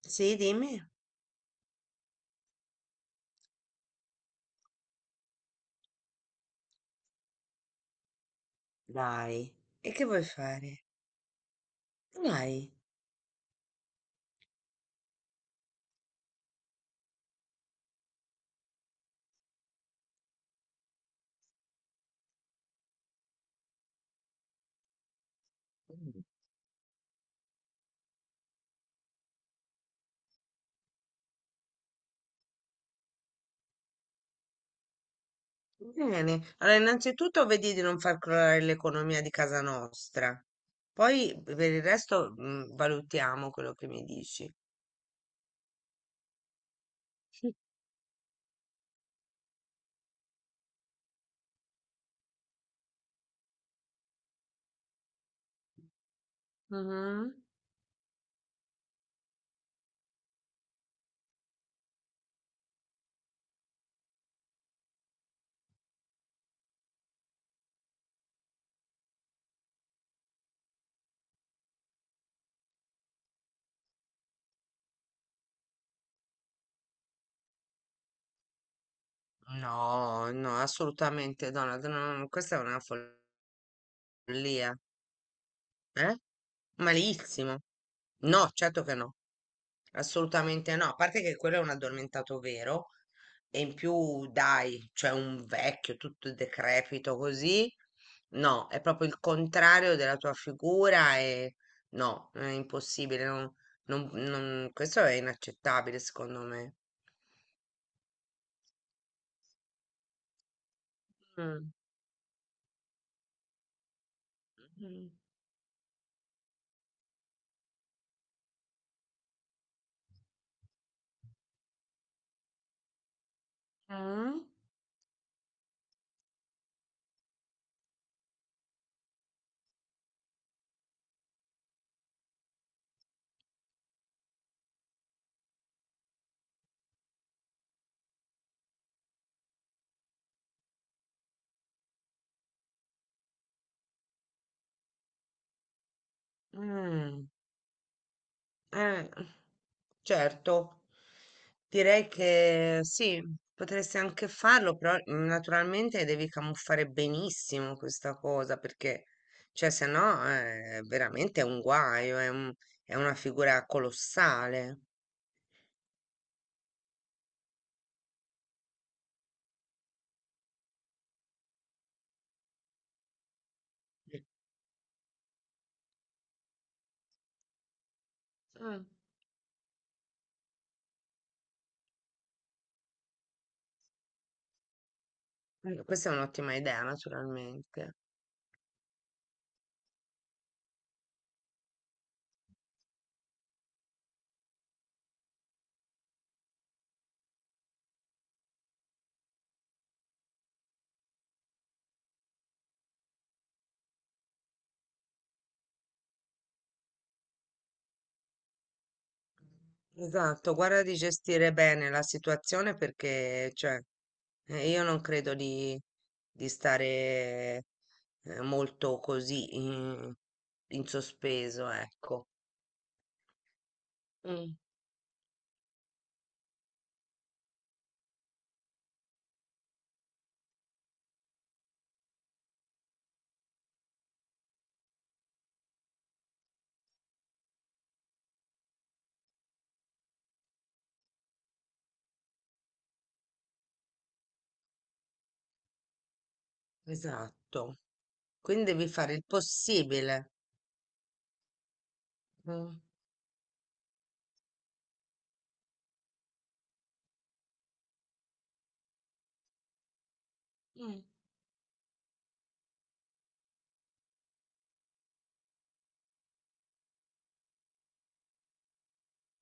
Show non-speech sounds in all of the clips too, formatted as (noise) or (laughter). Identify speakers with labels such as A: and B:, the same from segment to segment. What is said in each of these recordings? A: Sì, dimmi. Dai, e che vuoi fare? Dai. Bene. Allora, innanzitutto vedi di non far crollare l'economia di casa nostra. Poi per il resto valutiamo quello che mi dici. Mhm. No, no, assolutamente, Donald, no, no, questa è una follia, eh? Malissimo. No, certo che no. Assolutamente no, a parte che quello è un addormentato vero e in più dai, cioè un vecchio tutto decrepito così, no, è proprio il contrario della tua figura e no, è impossibile, questo è inaccettabile secondo me. Mm, mm, mm, mm, eh. Certo, direi che sì, potresti anche farlo, però naturalmente devi camuffare benissimo questa cosa perché, cioè, se no è veramente un guaio, è una figura colossale. Mm. Questa è un'ottima idea, naturalmente. Esatto, guarda di gestire bene la situazione perché, cioè. Io non credo di stare molto così in sospeso, ecco. Mm, esatto. Quindi devi fare il possibile. Mm. Mm,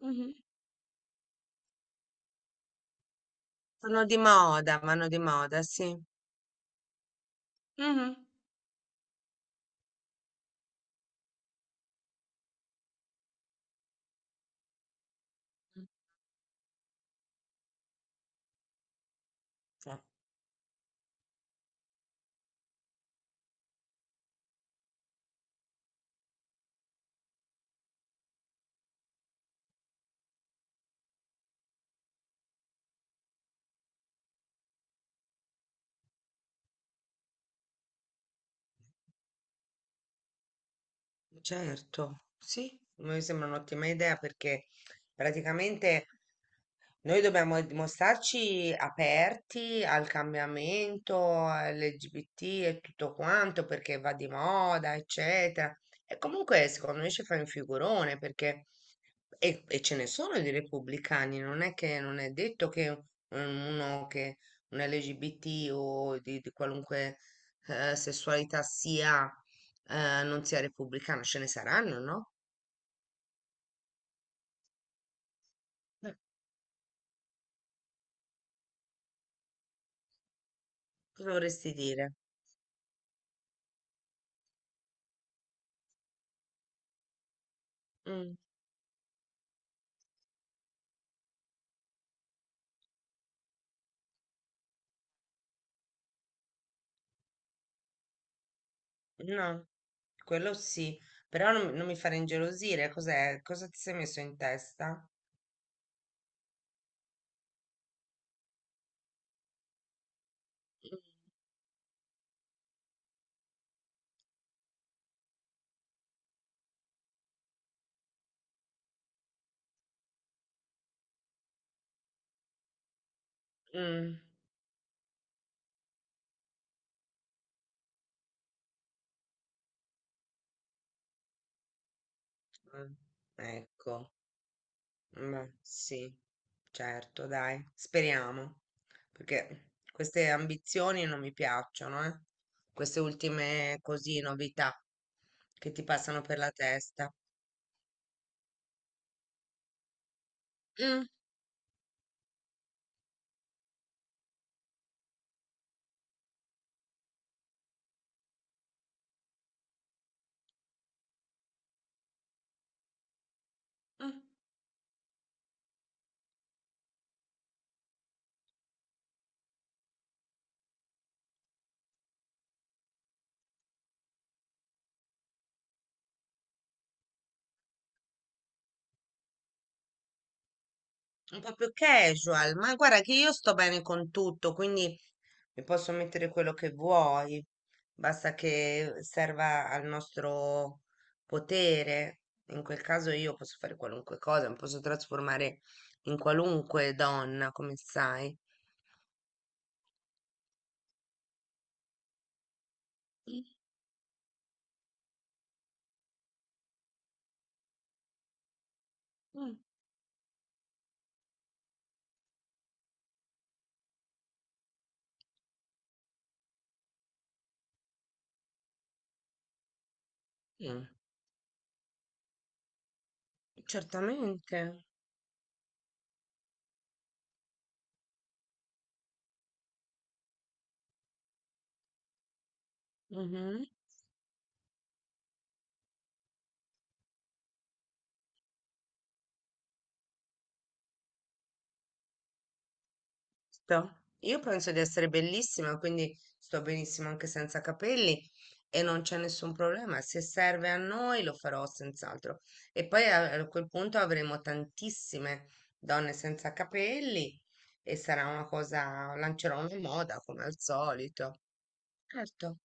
A: mhm, Sono di moda, vanno di moda, sì. Mhm. Eh, certo, sì, mi sembra un'ottima idea perché praticamente. Noi dobbiamo mostrarci aperti al cambiamento, LGBT e tutto quanto, perché va di moda, eccetera. E comunque, secondo me, ci fai un figurone, perché. E ce ne sono di repubblicani, non è che non è detto che uno che un LGBT o di qualunque sessualità sia, non sia repubblicano, ce ne saranno, no? Eh, Cosa vorresti dire? Mm, no. Quello sì, però non mi fare ingelosire, cos'è? Cosa ti sei messo in testa? Mm, eh, Ecco, ma sì, certo, dai, speriamo, perché queste ambizioni non mi piacciono, eh? Queste ultime così novità che ti passano per la testa. Mm, mm, Un po' più casual, ma guarda che io sto bene con tutto, quindi e posso mettere quello che vuoi, basta che serva al nostro potere. In quel caso io posso fare qualunque cosa, mi posso trasformare in qualunque donna, come sai. Mm, mm, Certamente. Mm-hmm. Io penso di essere bellissima, quindi sto benissimo anche senza capelli e non c'è nessun problema. Se serve a noi lo farò senz'altro. E poi a quel punto avremo tantissime donne senza capelli e sarà una cosa, lancerò una moda come al solito. Certo,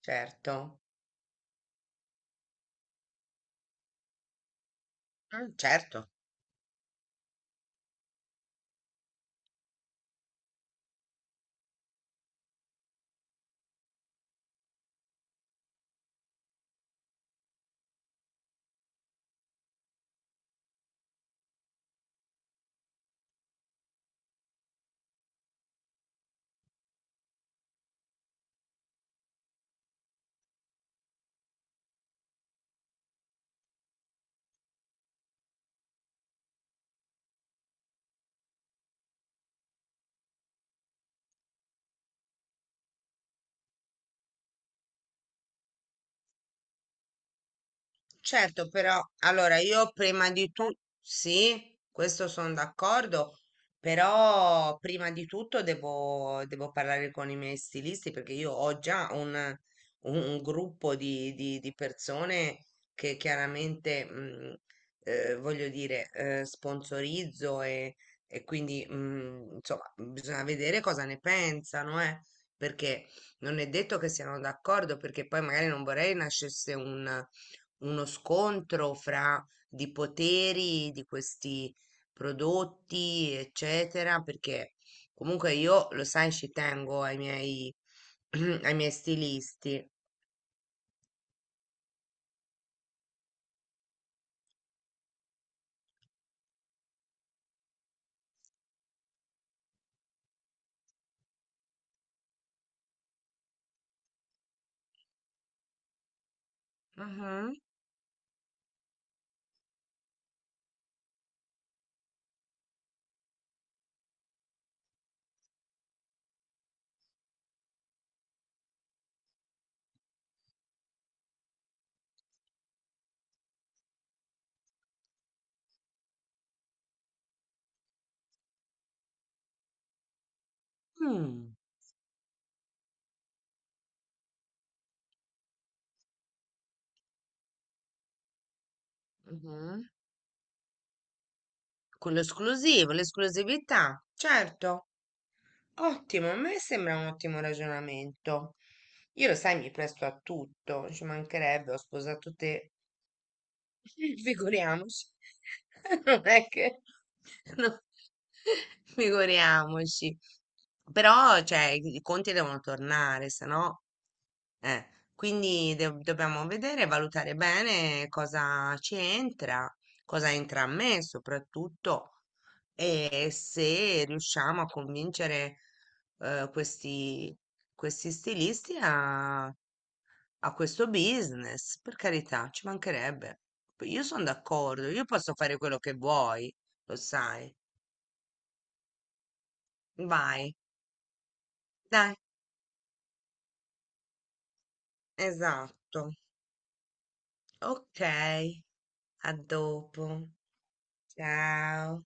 A: certo, Mm, certo. Certo, però allora io prima di tutto, sì, questo sono d'accordo, però prima di tutto devo parlare con i miei stilisti perché io ho già un gruppo di persone che chiaramente, voglio dire, sponsorizzo e quindi, insomma, bisogna vedere cosa ne pensano, perché non è detto che siano d'accordo, perché poi magari non vorrei nascesse un uno scontro fra di poteri di questi prodotti, eccetera, perché comunque io, lo sai, ci tengo ai miei, (clears throat) ai miei stilisti. Mhm, Mm, mhm. Con l'esclusivo, l'esclusività, certo, ottimo, a me sembra un ottimo ragionamento. Io lo sai, mi presto a tutto, ci mancherebbe, ho sposato te. (laughs) Figuriamoci. (laughs) Non è che. No, (laughs) Figuriamoci. Però, cioè, i conti devono tornare, se no. Quindi dobbiamo vedere, valutare bene cosa ci entra, cosa entra a me soprattutto, e se riusciamo a convincere eh, questi, questi stilisti a questo business, per carità, ci mancherebbe. Poi io sono d'accordo, io posso fare quello che vuoi, lo sai. Vai, dai, esatto. Ok, a dopo. Ciao.